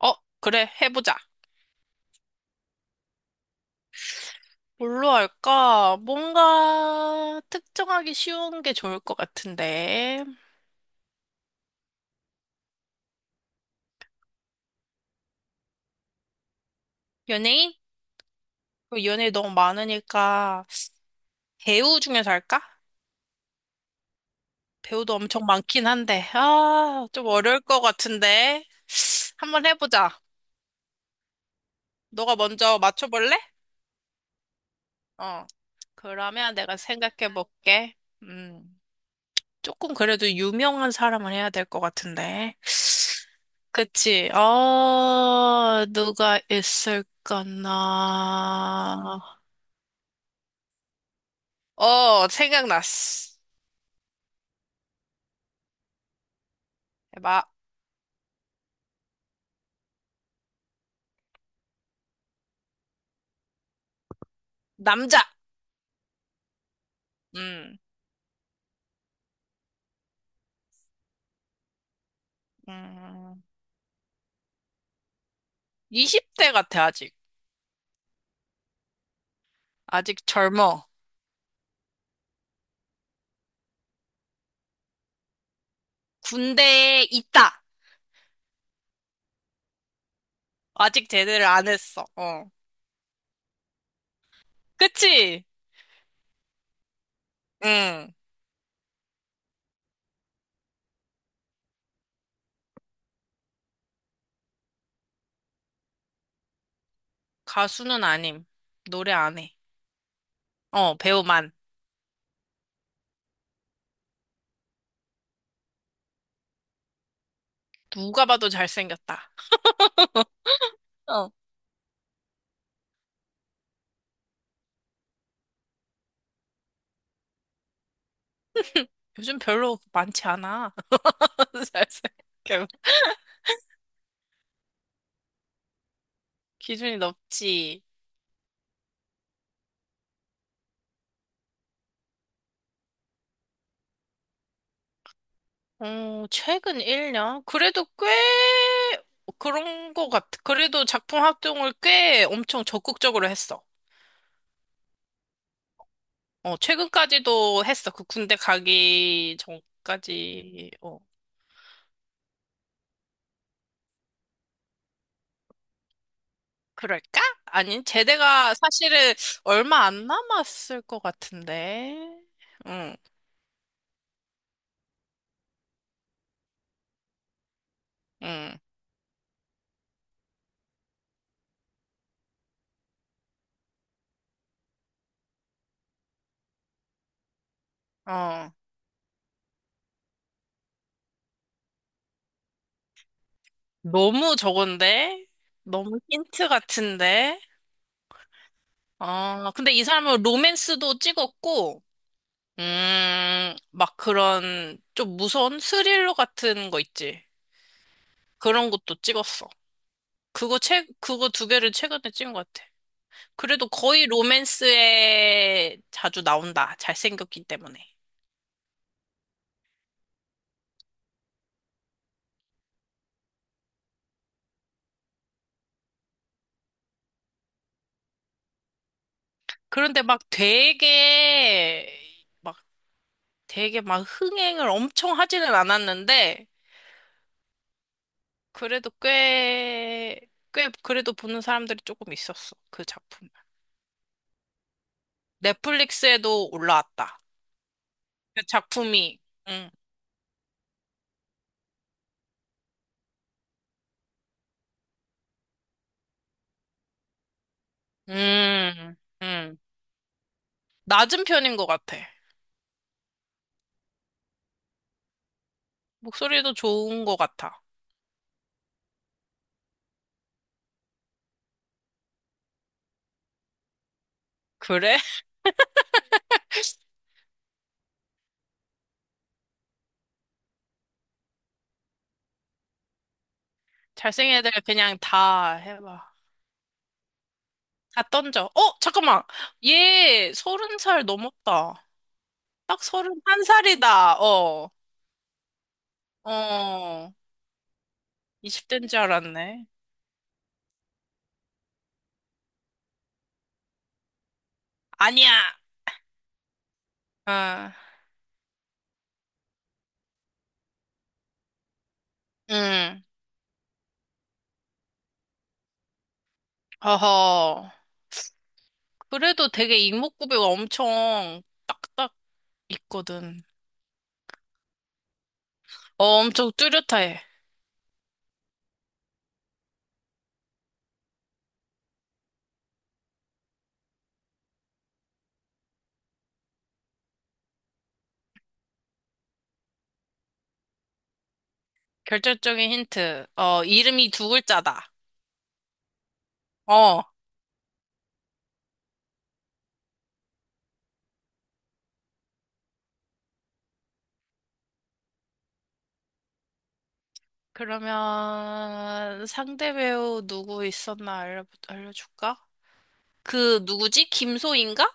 어, 그래, 해보자. 뭘로 할까? 뭔가 특정하기 쉬운 게 좋을 것 같은데. 연예인? 그 연예인 너무 많으니까 배우 중에서 할까? 배우도 엄청 많긴 한데. 아, 좀 어려울 것 같은데. 한번 해보자. 너가 먼저 맞춰볼래? 어. 그러면 내가 생각해볼게. 음, 조금 그래도 유명한 사람을 해야 될 것 같은데. 그치. 아, 누가 있을까나. 생각났어. 해봐. 남자. 음, 음, 20대 같아, 아직. 아직 젊어. 군대에 있다. 아직 제대를 안 했어. 어. 그치? 응. 가수는 아님. 노래 안 해. 어, 배우만. 누가 봐도 잘생겼다. 어. 요즘 별로 많지 않아. 잘생겨. 기준이 높지. 최근 1년? 그래도 꽤 그런 거 같아. 그래도 작품 활동을 꽤 엄청 적극적으로 했어. 최근까지도 했어. 그 군대 가기 전까지. 그럴까? 아니, 제대가 사실은 얼마 안 남았을 것 같은데. 응, 응, 어. 너무 저건데? 너무 힌트 같은데? 아, 근데 이 사람은 로맨스도 찍었고, 막 그런 좀 무서운 스릴러 같은 거 있지. 그런 것도 찍었어. 그거 두 개를 최근에 찍은 것 같아. 그래도 거의 로맨스에 자주 나온다. 잘생겼기 때문에. 그런데 막 되게 막 흥행을 엄청 하지는 않았는데, 그래도 꽤 그래도 보는 사람들이 조금 있었어. 그 작품. 넷플릭스에도 올라왔다. 그 작품이. 응. 음, 음. 낮은 편인 것 같아. 목소리도 좋은 것 같아. 그래? 잘생긴 애들 그냥 다 해봐. 다 던져. 잠깐만. 얘 서른 살 넘었다. 딱 서른 한 살이다. 어, 어. 20대인 줄 알았네. 아니야. 어, 응. 어허. 그래도 되게 이목구비가 엄청 딱딱 있거든. 어, 엄청 뚜렷해. 결정적인 힌트. 이름이 두 글자다. 어. 그러면 상대 배우 누구 있었나 알려줄까? 그 누구지? 김소희인가?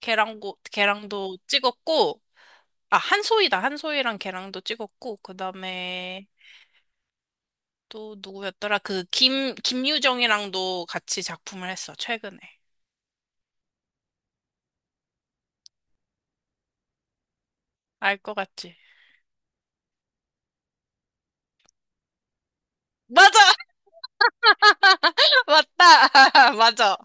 걔랑도 찍었고, 아, 한소희다. 한소희랑 걔랑도 찍었고, 그 다음에 또 누구였더라? 김유정이랑도 같이 작품을 했어, 최근에. 알 것 같지? 맞아! 맞다! 맞아.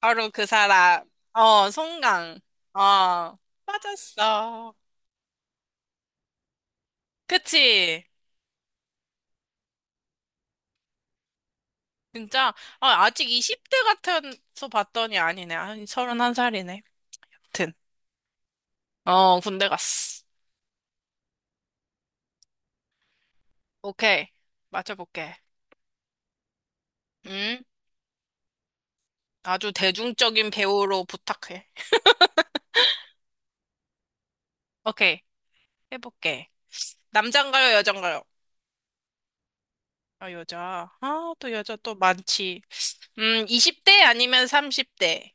바로 그 사람. 송강. 어, 맞았어. 그치? 진짜. 아, 아직 20대 같아서 봤더니 아니네. 아니, 31살이네. 아무튼. 어, 군대 갔어. 오케이. 맞춰볼게. 응? 아주 대중적인 배우로 부탁해. 오케이. 해볼게. 남잔가요, 여잔가요? 아, 여자. 아, 또 여자 또 많지. 20대 아니면 30대.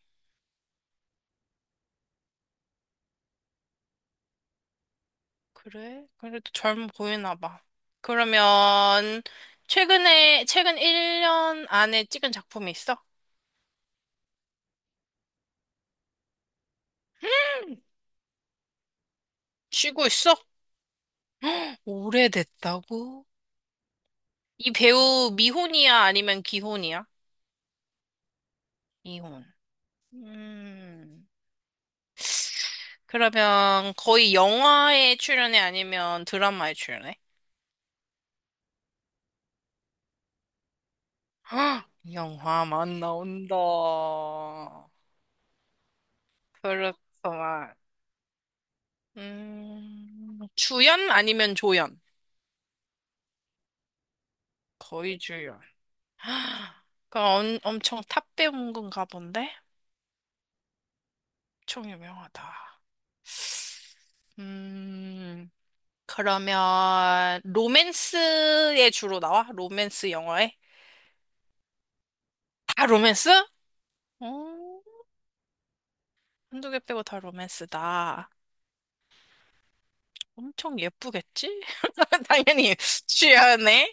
그래? 그래도 젊어 보이나 봐. 그러면, 최근에, 최근 1년 안에 찍은 작품이 있어? 쉬고 있어? 오래됐다고? 이 배우 미혼이야 아니면 기혼이야? 미혼. 음. 그러면 거의 영화에 출연해 아니면 드라마에 출연해? 헉! 영화만 나온다. 그렇구만. 주연 아니면 조연? 거의 주연. 헉! 그럼 엄청 탑 배우인 건가 본데? 엄청 유명하다. 음. 그러면 로맨스에 주로 나와? 로맨스 영화에? 다 로맨스? 어, 한두 개 빼고 다 로맨스다. 엄청 예쁘겠지? 당연히 취하네.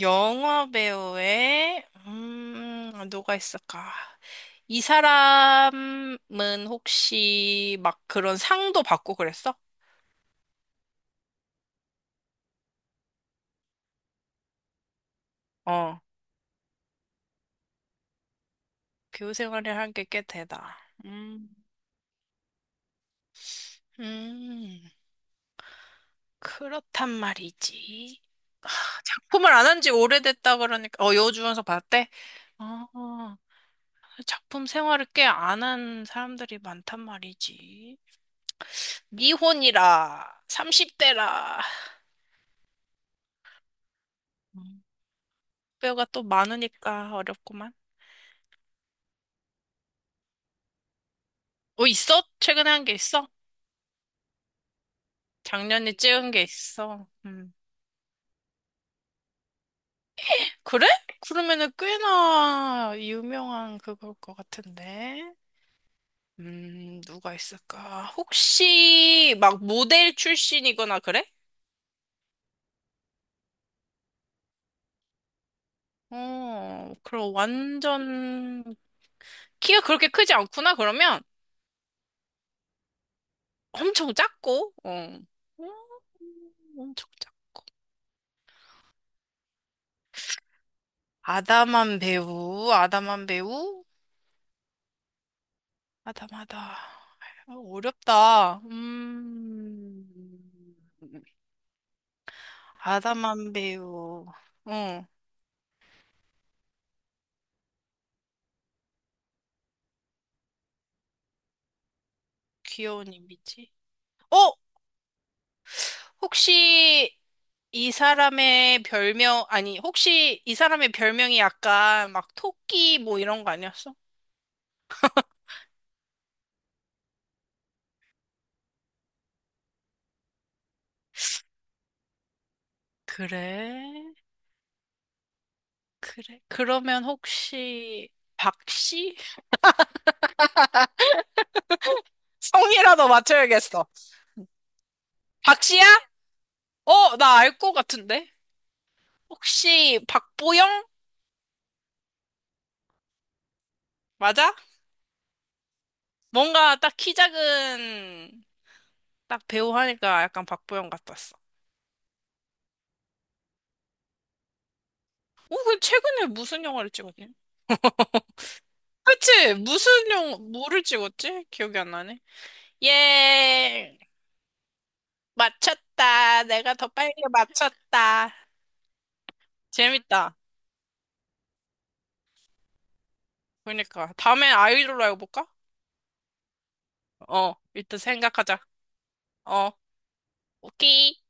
영화 배우에 누가 있을까? 이 사람은 혹시 막 그런 상도 받고 그랬어? 어, 교우 생활을 한 게 꽤 되다. 음, 음, 그렇단 말이지. 작품을 안 한지 오래됐다 그러니까 여우주연석 봤대? 아 작품 생활을 꽤 안 한 사람들이 많단 말이지. 미혼이라 30대라 뼈가 또 많으니까 어렵구만. 있어? 최근에 한 게 있어? 작년에 찍은 게 있어. 그래? 그러면은 꽤나 유명한 그걸 것 같은데. 누가 있을까? 혹시 막 모델 출신이거나 그래? 어, 그럼 완전 키가 그렇게 크지 않구나. 그러면 엄청 작고, 음, 엄청 작고. 아담한 배우, 아담한 배우, 아담하다. 어렵다. 아담한 배우, 어, 귀여운 이미지. 어, 혹시 이 사람의 별명, 아니, 혹시 이 사람의 별명이 약간 막 토끼 뭐 이런 거 아니었어? 그래? 그래? 그러면 혹시 박씨? 성이라도 맞춰야겠어. 박씨야? 어, 나 알 것 같은데? 혹시 박보영? 맞아? 뭔가 딱 키 작은 딱 배우 하니까 약간 박보영 같았어. 그 최근에 무슨 영화를 찍었지? 그치? 무슨 영화, 뭐를 찍었지? 기억이 안 나네. 예, 맞췄다. 내가 더 빨리 맞췄다. 재밌다. 그러니까 다음에 아이돌로 해볼까? 어, 일단 생각하자. 어, 오케이.